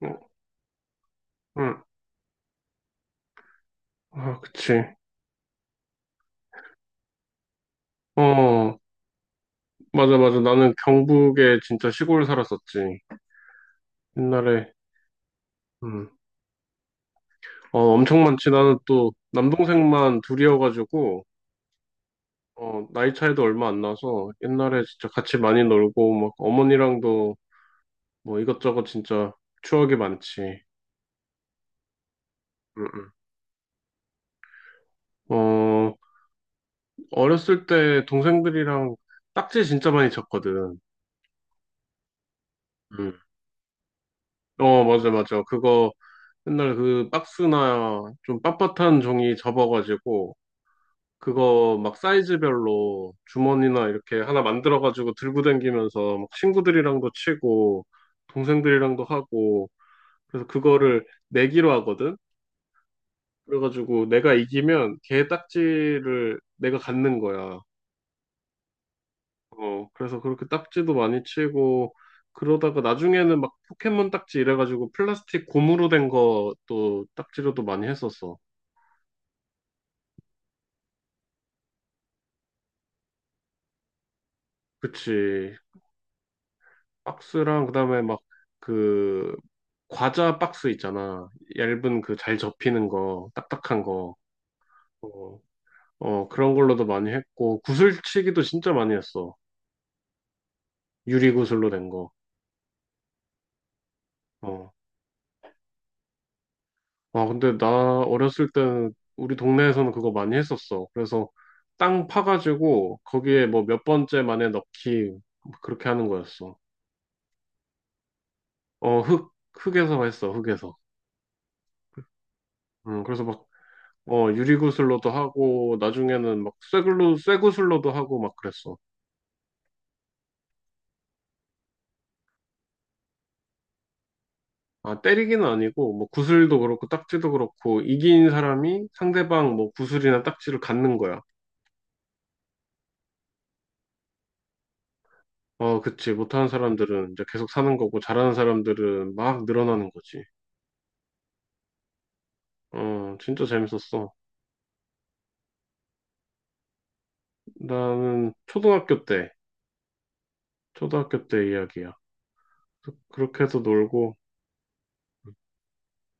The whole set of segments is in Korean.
어, 응. 아, 그치. 어, 맞아, 맞아. 나는 경북에 진짜 시골 살았었지. 옛날에. 음. 어, 엄청 많지. 나는 또 남동생만 둘이어가지고, 어, 나이 차이도 얼마 안 나서 옛날에 진짜 같이 많이 놀고, 막 어머니랑도 뭐 이것저것 진짜 추억이 많지. 응, 응. 어, 어렸을 때 동생들이랑 딱지 진짜 많이 쳤거든. 응. 어, 맞아, 맞아. 그거 맨날 그 박스나 좀 빳빳한 종이 접어가지고 그거 막 사이즈별로 주머니나 이렇게 하나 만들어가지고 들고 다니면서 막 친구들이랑도 치고 동생들이랑도 하고 그래서 그거를 내기로 하거든. 그래가지고 내가 이기면 걔 딱지를 내가 갖는 거야. 어, 그래서 그렇게 딱지도 많이 치고 그러다가 나중에는 막 포켓몬 딱지 이래가지고 플라스틱 고무로 된 것도 딱지로도 많이 했었어. 그치. 박스랑 그다음에 막 그 과자 박스 있잖아. 얇은 그 잘 접히는 거, 딱딱한 거. 어, 어, 그런 걸로도 많이 했고 구슬치기도 진짜 많이 했어. 유리 구슬로 된 거. 어. 아, 근데 나 어렸을 때는 우리 동네에서는 그거 많이 했었어. 그래서 땅 파가지고 거기에 뭐 몇 번째 만에 넣기 뭐 그렇게 하는 거였어. 어, 흙 흙에서 했어. 흙에서. 그래서 막 어, 유리구슬로도 하고, 나중에는 막 쇠글로, 쇠구슬로도 하고 막 그랬어. 아, 때리기는 아니고, 뭐 구슬도 그렇고, 딱지도 그렇고, 이긴 사람이 상대방 뭐 구슬이나 딱지를 갖는 거야. 어, 그치. 못하는 사람들은 이제 계속 사는 거고, 잘하는 사람들은 막 늘어나는 거지. 어, 진짜 재밌었어. 나는 초등학교 때, 초등학교 때 이야기야. 그렇게 해서 놀고,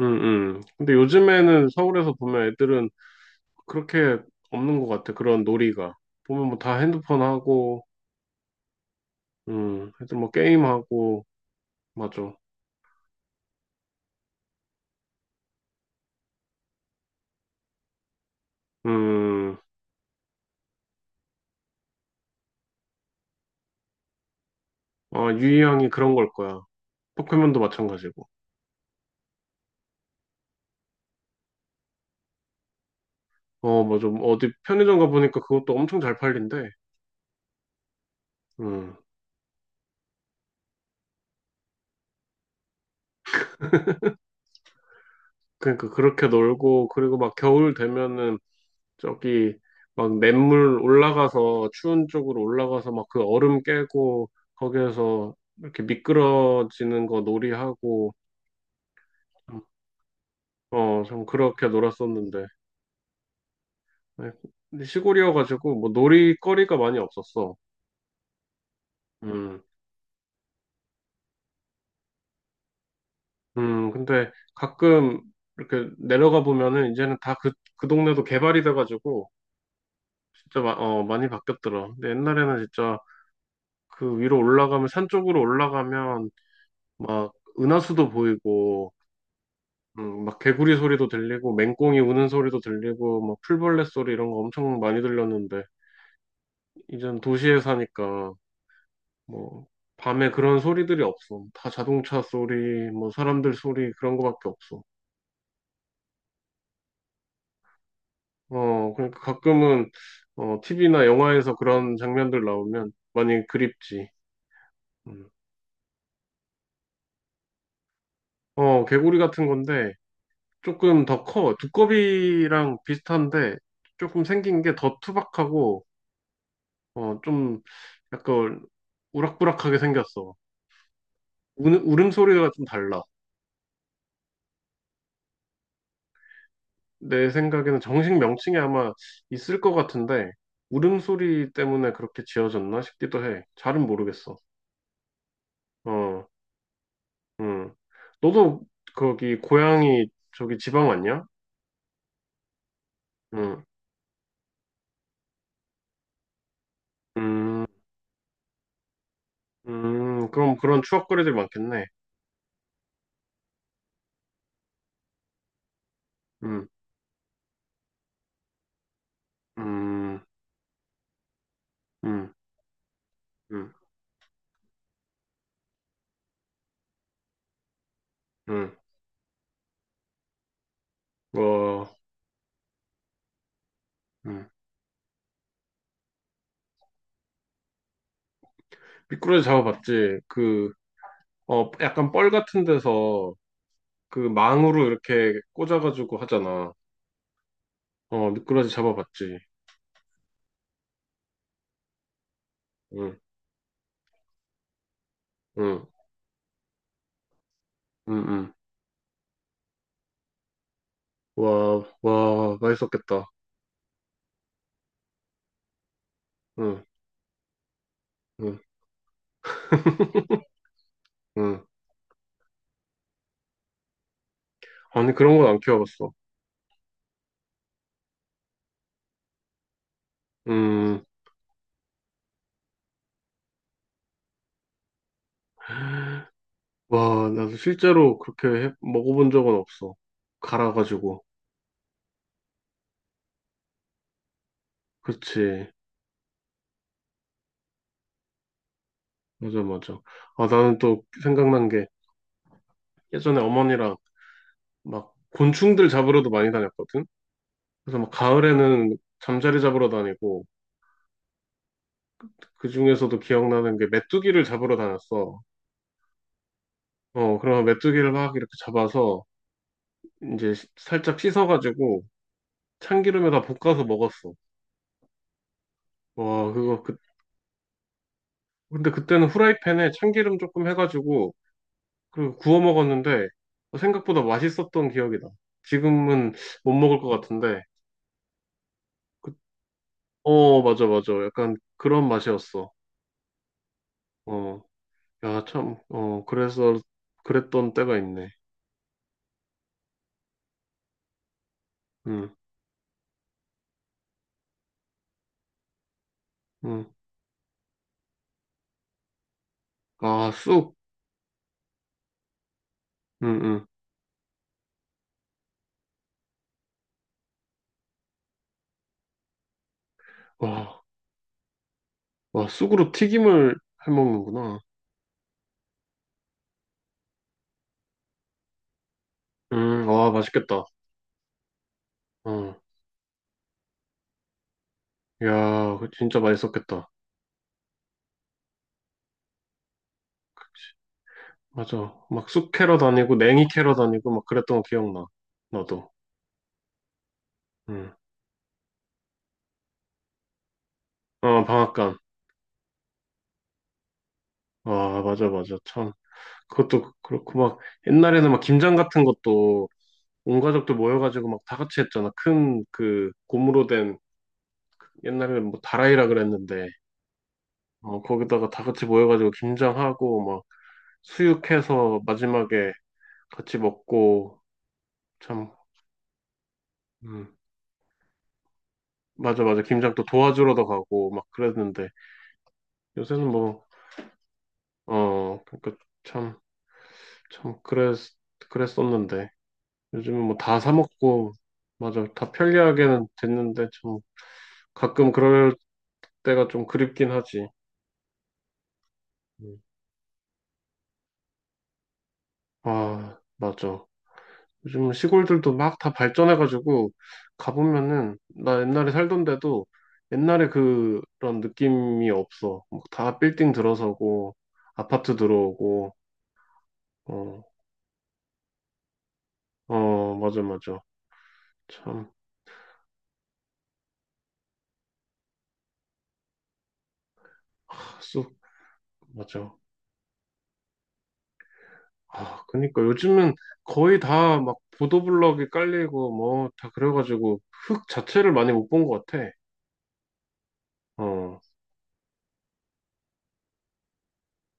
응, 응. 근데 요즘에는 서울에서 보면 애들은 그렇게 없는 것 같아. 그런 놀이가. 보면 뭐 다 핸드폰 하고, 애들 뭐 게임하고, 맞아. 음, 아, 유희양이 그런 걸 거야. 포켓몬도 마찬가지고. 어, 맞아. 뭐 어디 편의점 가보니까 그것도 엄청 잘 팔린대. 음, 그러니까 그렇게 놀고, 그리고 막 겨울 되면은 저기 막 냇물 올라가서, 추운 쪽으로 올라가서 막 그 얼음 깨고, 거기에서 이렇게 미끄러지는 거 놀이하고, 음, 어, 좀 그렇게 놀았었는데. 네, 근데 시골이어가지고 뭐 놀이거리가 많이 없었어. 음, 근데 가끔 이렇게 내려가 보면은 이제는 다 그, 그 동네도 개발이 돼가지고 진짜 많이 바뀌었더라. 근데 옛날에는 진짜 그 위로 올라가면 산 쪽으로 올라가면 막 은하수도 보이고 막 개구리 소리도 들리고 맹꽁이 우는 소리도 들리고 막 풀벌레 소리 이런 거 엄청 많이 들렸는데 이젠 도시에 사니까 뭐 밤에 그런 소리들이 없어. 다 자동차 소리, 뭐 사람들 소리 그런 거밖에 없어. 어, 그러니까 가끔은 어, TV나 영화에서 그런 장면들 나오면 많이 그립지. 음. 어, 개구리 같은 건데 조금 더 커. 두꺼비랑 비슷한데 조금 생긴 게 더 투박하고 어, 좀 약간 우락부락하게 생겼어. 울음소리가 좀 달라. 내 생각에는 정식 명칭이 아마 있을 것 같은데 울음소리 때문에 그렇게 지어졌나 싶기도 해. 잘은 모르겠어. 어, 음. 너도 거기 고향이 저기 지방 왔냐? 음, 음, 그럼 그런 추억거리들 많겠네. 음, 음, 음, 음, 음. 어, 음. 미꾸라지 잡아봤지. 그, 어, 약간 뻘 같은 데서 그 망으로 이렇게 꽂아가지고 하잖아. 어, 미꾸라지 잡아봤지. 응, 응. 응, 응. 와, 와, 맛있었겠다. 응, 응, 응. 아니, 그런 건 안 키워봤어. 음, 와, 나도 실제로 그렇게 먹어본 적은 없어. 갈아가지고. 그치. 맞아, 맞아. 아, 나는 또 생각난 게 예전에 어머니랑 막 곤충들 잡으러도 많이 다녔거든? 그래서 막 가을에는 잠자리 잡으러 다니고, 그 중에서도 기억나는 게 메뚜기를 잡으러 다녔어. 어, 그러면 메뚜기를 막 이렇게 잡아서 이제 살짝 씻어가지고 참기름에다 볶아서 먹었어. 와, 그거 그 근데 그때는 후라이팬에 참기름 조금 해가지고 그리고 구워 먹었는데 생각보다 맛있었던 기억이 나. 지금은 못 먹을 것 같은데. 그- 어, 맞아, 맞아. 약간 그런 맛이었어. 어, 야, 참, 어, 그래서 그랬던 때가 있네. 응, 응. 아, 쑥. 응, 응. 와, 와, 쑥으로 튀김을 해 먹는구나. 와, 맛있겠다. 어, 야, 그 진짜 맛있었겠다. 맞아. 막 숲 캐러 다니고 냉이 캐러 다니고 막 그랬던 거 기억나. 나도. 응. 어, 방앗간. 아, 맞아, 맞아. 참. 그것도 그렇고 막 옛날에는 막 김장 같은 것도 온 가족들 모여가지고 막 다 같이 했잖아. 큰 그 고무로 된 옛날에는 뭐 다라이라 그랬는데 어, 거기다가 다 같이 모여가지고 김장하고 막 수육해서 마지막에 같이 먹고 참. 음. 맞아, 맞아. 김장 또 도와주러도 가고 막 그랬는데 요새는 뭐 어, 그러니까 참. 참 그랬었는데 요즘은 뭐 다 사 먹고 맞아 다 편리하게는 됐는데 참 가끔 그럴 때가 좀 그립긴 하지. 음. 아 맞아. 요즘 시골들도 막 다 발전해가지고 가보면은 나 옛날에 살던 데도 옛날에 그런 느낌이 없어. 뭐다 빌딩 들어서고 아파트 들어오고 어 어 맞아 맞아 참 쑥 맞아. 아, 그러니까 요즘은 거의 다 막 보도블럭이 깔리고 뭐 다 그래가지고 흙 자체를 많이 못 본 것 같아. 어,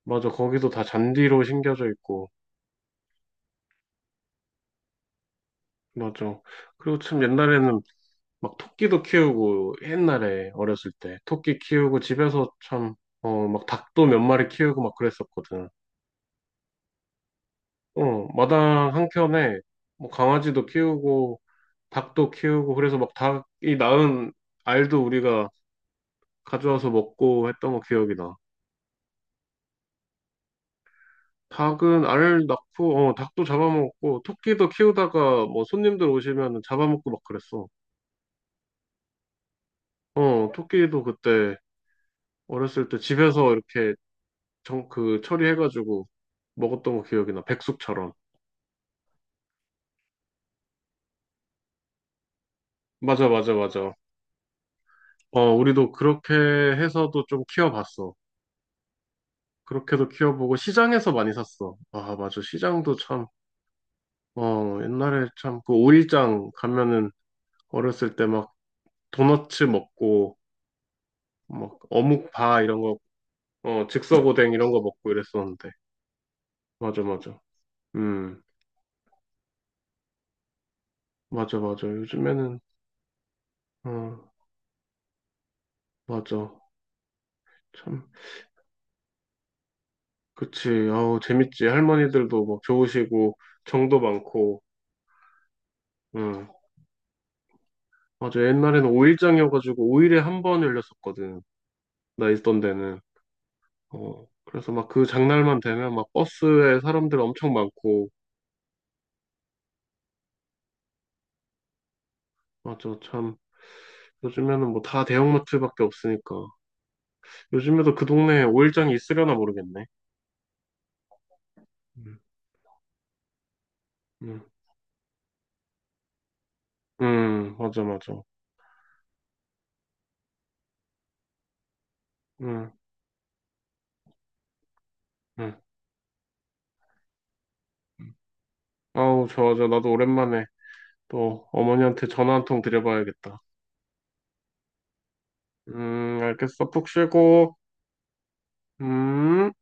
맞아. 거기도 다 잔디로 심겨져 있고. 맞아. 그리고 참 옛날에는 막 토끼도 키우고 옛날에 어렸을 때 토끼 키우고 집에서 참, 어, 막 닭도 몇 마리 키우고 막 그랬었거든. 어, 마당 한켠에 뭐 강아지도 키우고 닭도 키우고 그래서 막 닭이 낳은 알도 우리가 가져와서 먹고 했던 거 기억이 나. 닭은 알 낳고, 어, 닭도 잡아먹었고, 토끼도 키우다가 뭐 손님들 오시면 잡아먹고 막 그랬어. 어, 토끼도 그때 어렸을 때 집에서 이렇게 정, 그 처리해가지고 먹었던 거 기억이 나. 백숙처럼. 맞아, 맞아, 맞아. 어, 우리도 그렇게 해서도 좀 키워봤어. 그렇게도 키워보고 시장에서 많이 샀어. 아, 맞아. 시장도 참, 어, 옛날에 참 그 오일장 가면은 어렸을 때 막 도너츠 먹고, 막 어묵 바 이런 거 어, 즉석오뎅 이런 거 먹고 이랬었는데. 맞아, 맞아. 음, 맞아, 맞아. 요즘에는, 어, 맞아. 참, 그치. 아우, 재밌지. 할머니들도 막 좋으시고, 정도 많고, 응. 맞아. 옛날에는 5일장이어가지고, 5일에 한 번 열렸었거든. 나 있던 데는. 어, 그래서 막 그 장날만 되면 막 버스에 사람들 엄청 많고, 맞아. 참, 요즘에는 뭐 다 대형마트밖에 없으니까. 요즘에도 그 동네에 5일장이 있으려나 모르겠네. 음, 음, 맞아, 맞아. 응, 응. 아우, 좋아, 좋아. 나도 오랜만에 또 어머니한테 전화 한 통 드려봐야겠다. 알겠어. 푹 쉬고, 음.